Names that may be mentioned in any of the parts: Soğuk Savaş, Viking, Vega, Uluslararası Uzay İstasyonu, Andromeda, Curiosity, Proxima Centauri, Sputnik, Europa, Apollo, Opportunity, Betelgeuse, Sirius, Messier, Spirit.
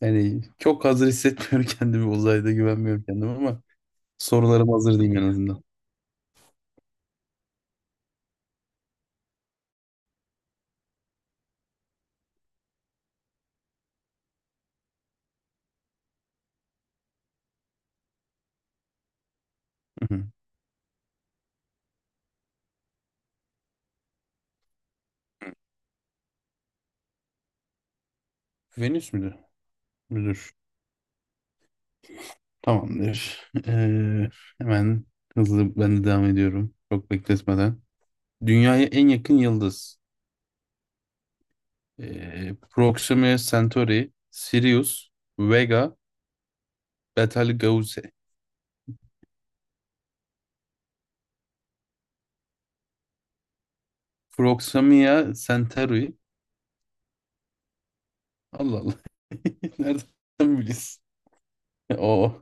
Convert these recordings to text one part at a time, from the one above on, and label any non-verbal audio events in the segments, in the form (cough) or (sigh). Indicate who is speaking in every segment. Speaker 1: Yani çok hazır hissetmiyorum (laughs) kendimi uzayda güvenmiyorum kendime ama sorularım hazır diyeyim en azından. Hı hı. Venüs müdür? Müdür. Tamamdır. (laughs) Hemen hızlı ben de devam ediyorum. Çok bekletmeden. Dünyaya en yakın yıldız. Proxima Centauri, Sirius, Vega, Betelgeuse. Proxima Centauri. Allah Allah. (laughs) Nereden biliyorsun? O.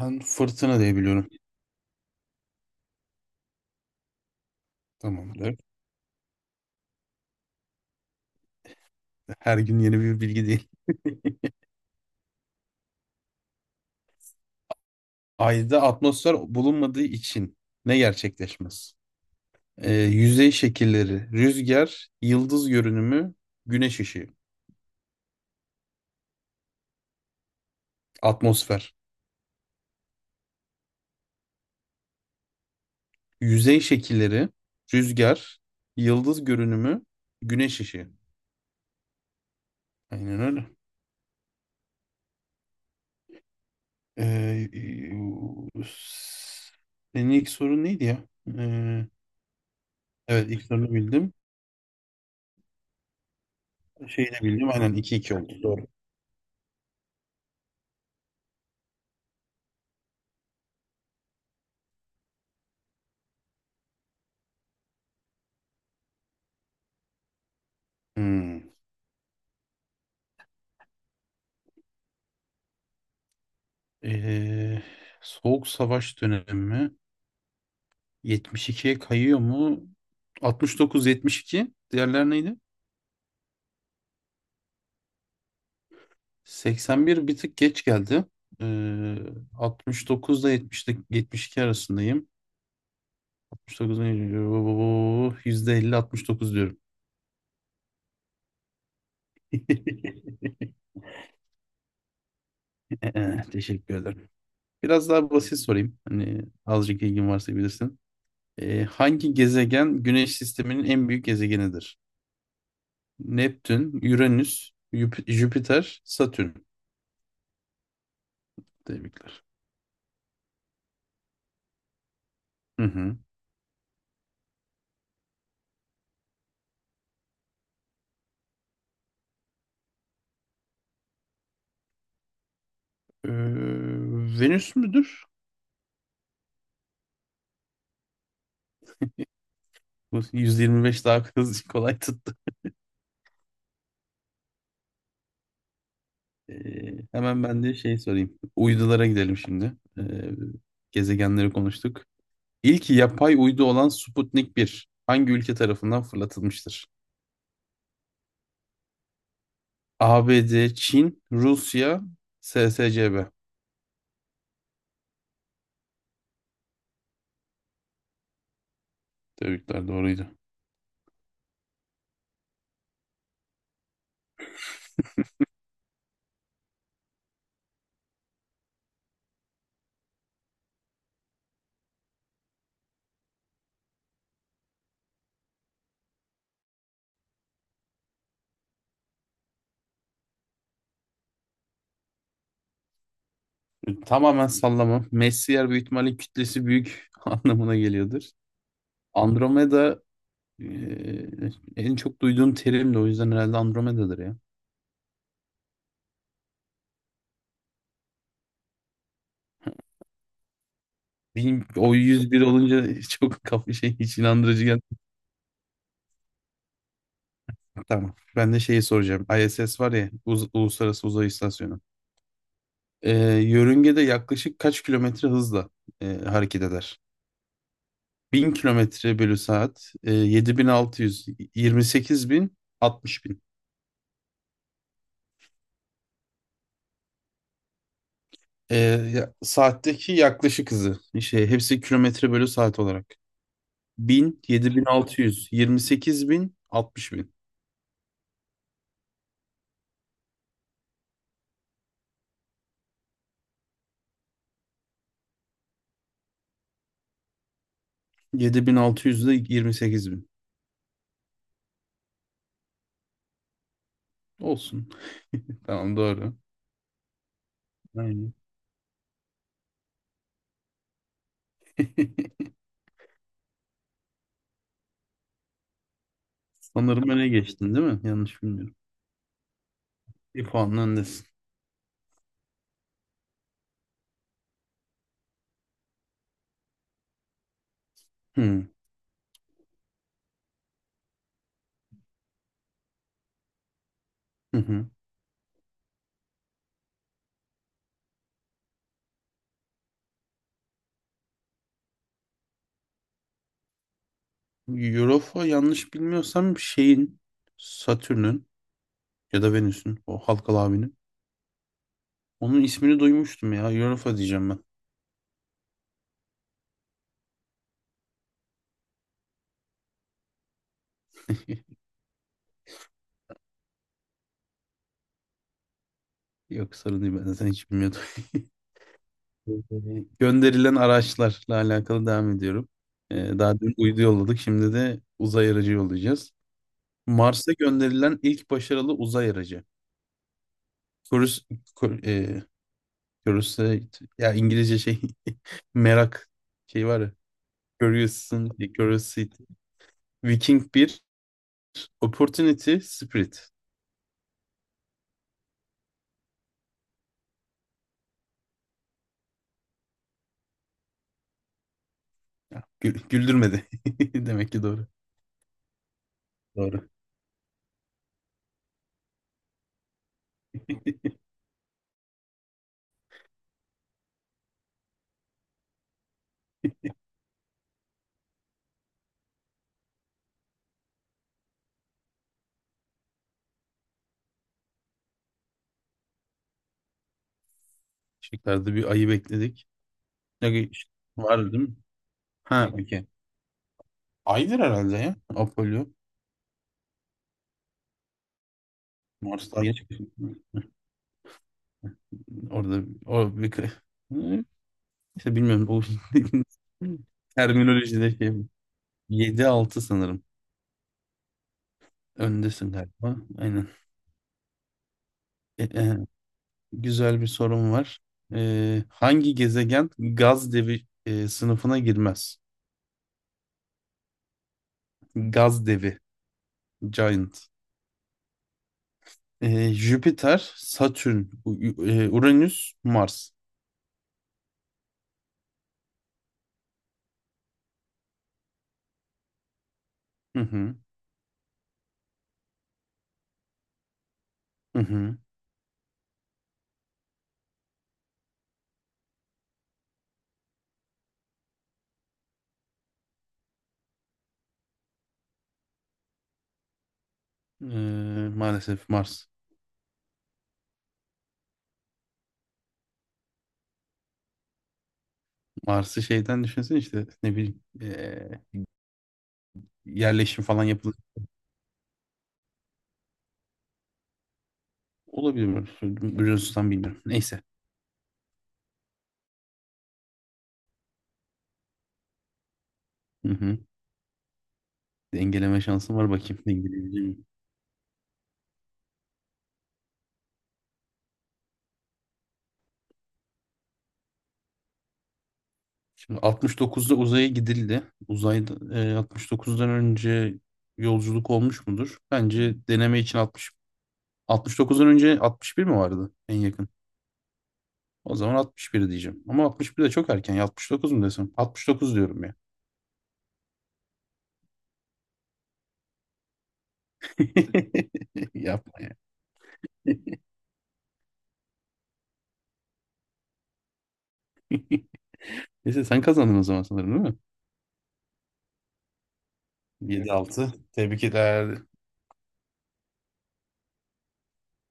Speaker 1: Ben fırtına diye biliyorum. Tamamdır. Her gün yeni bir bilgi değil. Ayda atmosfer bulunmadığı için ne gerçekleşmez? Yüzey şekilleri, rüzgar, yıldız görünümü, güneş ışığı, atmosfer. Yüzey şekilleri, rüzgar, yıldız görünümü, güneş ışığı. Aynen öyle. Ee, senin ilk sorun neydi ya? Ee, evet ilk sorunu bildim. Şeyi de bildim. Aynen iki iki oldu. Doğru. Hmm. Ee, Soğuk Savaş dönemi mi? 72'ye kayıyor mu? 69-72. Diğerler neydi? 81 bir tık geç geldi. Ee, 69'da 70'de 72 arasındayım. 69'da %50-69 diyorum. (laughs) Teşekkür ederim. Biraz daha basit sorayım. Hani azıcık ilgin varsa bilirsin. Hangi gezegen Güneş sisteminin en büyük gezegenidir? Neptün, Uranüs, Jüpiter, Satürn. Tebrikler. Hı hı. Ee, Venüs müdür? Nasıl 125 daha hızlı (laughs) kolay tuttu. Hemen ben de şey sorayım. Uydulara gidelim şimdi. Ee, gezegenleri konuştuk. İlk yapay uydu olan Sputnik 1 hangi ülke tarafından fırlatılmıştır? ABD, Çin, Rusya, SSCB. Tebrikler doğruydu. Tamamen sallama. Messier büyük ihtimalle kütlesi büyük (laughs) anlamına geliyordur. Andromeda e, en çok duyduğum terimdi o yüzden herhalde Andromeda'dır ya. Benim o 101 olunca çok kafa şey hiç inandırıcı gel. Tamam. Ben de şeyi soracağım. ISS var ya Uluslararası Uzay İstasyonu. Yörüngede yaklaşık kaç kilometre hızla hareket eder? Bin kilometre bölü saat, 7.600, 28.000, bin altmış bin. Ee, saatteki yaklaşık hızı. Şey, hepsi kilometre bölü saat olarak. Bin yedi altı yüz yirmi sekiz bin, altmış bin 7.600, 28.000, 60.000. 7.600 ile yirmi sekiz bin. Olsun. (laughs) Tamam doğru. Aynen. (laughs) Sanırım öne geçtin değil mi? Yanlış bilmiyorum. Bir puanla öndesin. Hı. Hı hı. Europa yanlış bilmiyorsam şeyin, Satürn'ün ya da Venüs'ün, o halkalı abinin. Onun ismini duymuştum ya. Europa diyeceğim ben. (laughs) Yok sorun değil ben zaten hiç bilmiyordum. (laughs) Gönderilen araçlarla alakalı devam ediyorum. Daha dün uydu yolladık. Şimdi de uzay aracı yollayacağız. Mars'a gönderilen ilk başarılı uzay aracı. Curios- Curiosity ya İngilizce şey (laughs) merak şey var ya. Curiosity, curiosity. Viking 1 opportunity spirit. Ya, güldürmedi. (laughs) Demek ki doğru. Doğru. Şıklarda bir ayı bekledik. Ne var değil mi? Ha, okey. Aydır herhalde ya. Apollo. Mars'ta ayı çıkıyor. Orada o bir Hı, işte bilmiyorum bu (laughs) terminolojide şey 7-6 sanırım. Öndesin galiba. Aynen. E, e, Güzel bir sorun var. Hangi gezegen gaz devi sınıfına girmez? Gaz devi, giant. Jüpiter, Satürn, Uranüs, Mars. Hı hı, hı hı. Ee, maalesef Mars. Mars'ı şeyden düşünsene işte ne bileyim yerleşim falan yapılır. Olabilir mi? Biliyorsunuz bilmiyorum. Neyse. Hı hı. Dengeleme şansım var bakayım. Dengeleyebilir miyim? Şimdi 69'da uzaya gidildi. Uzayda 69'dan önce yolculuk olmuş mudur? Bence deneme için 60 69'dan önce 61 mi vardı en yakın? O zaman 61 diyeceğim. Ama 61 de çok erken. 69 mu desem? 69 diyorum ya. (laughs) Yapma ya. Neyse sen kazandın o zaman sanırım değil mi? 7-6. Tebrik ederim.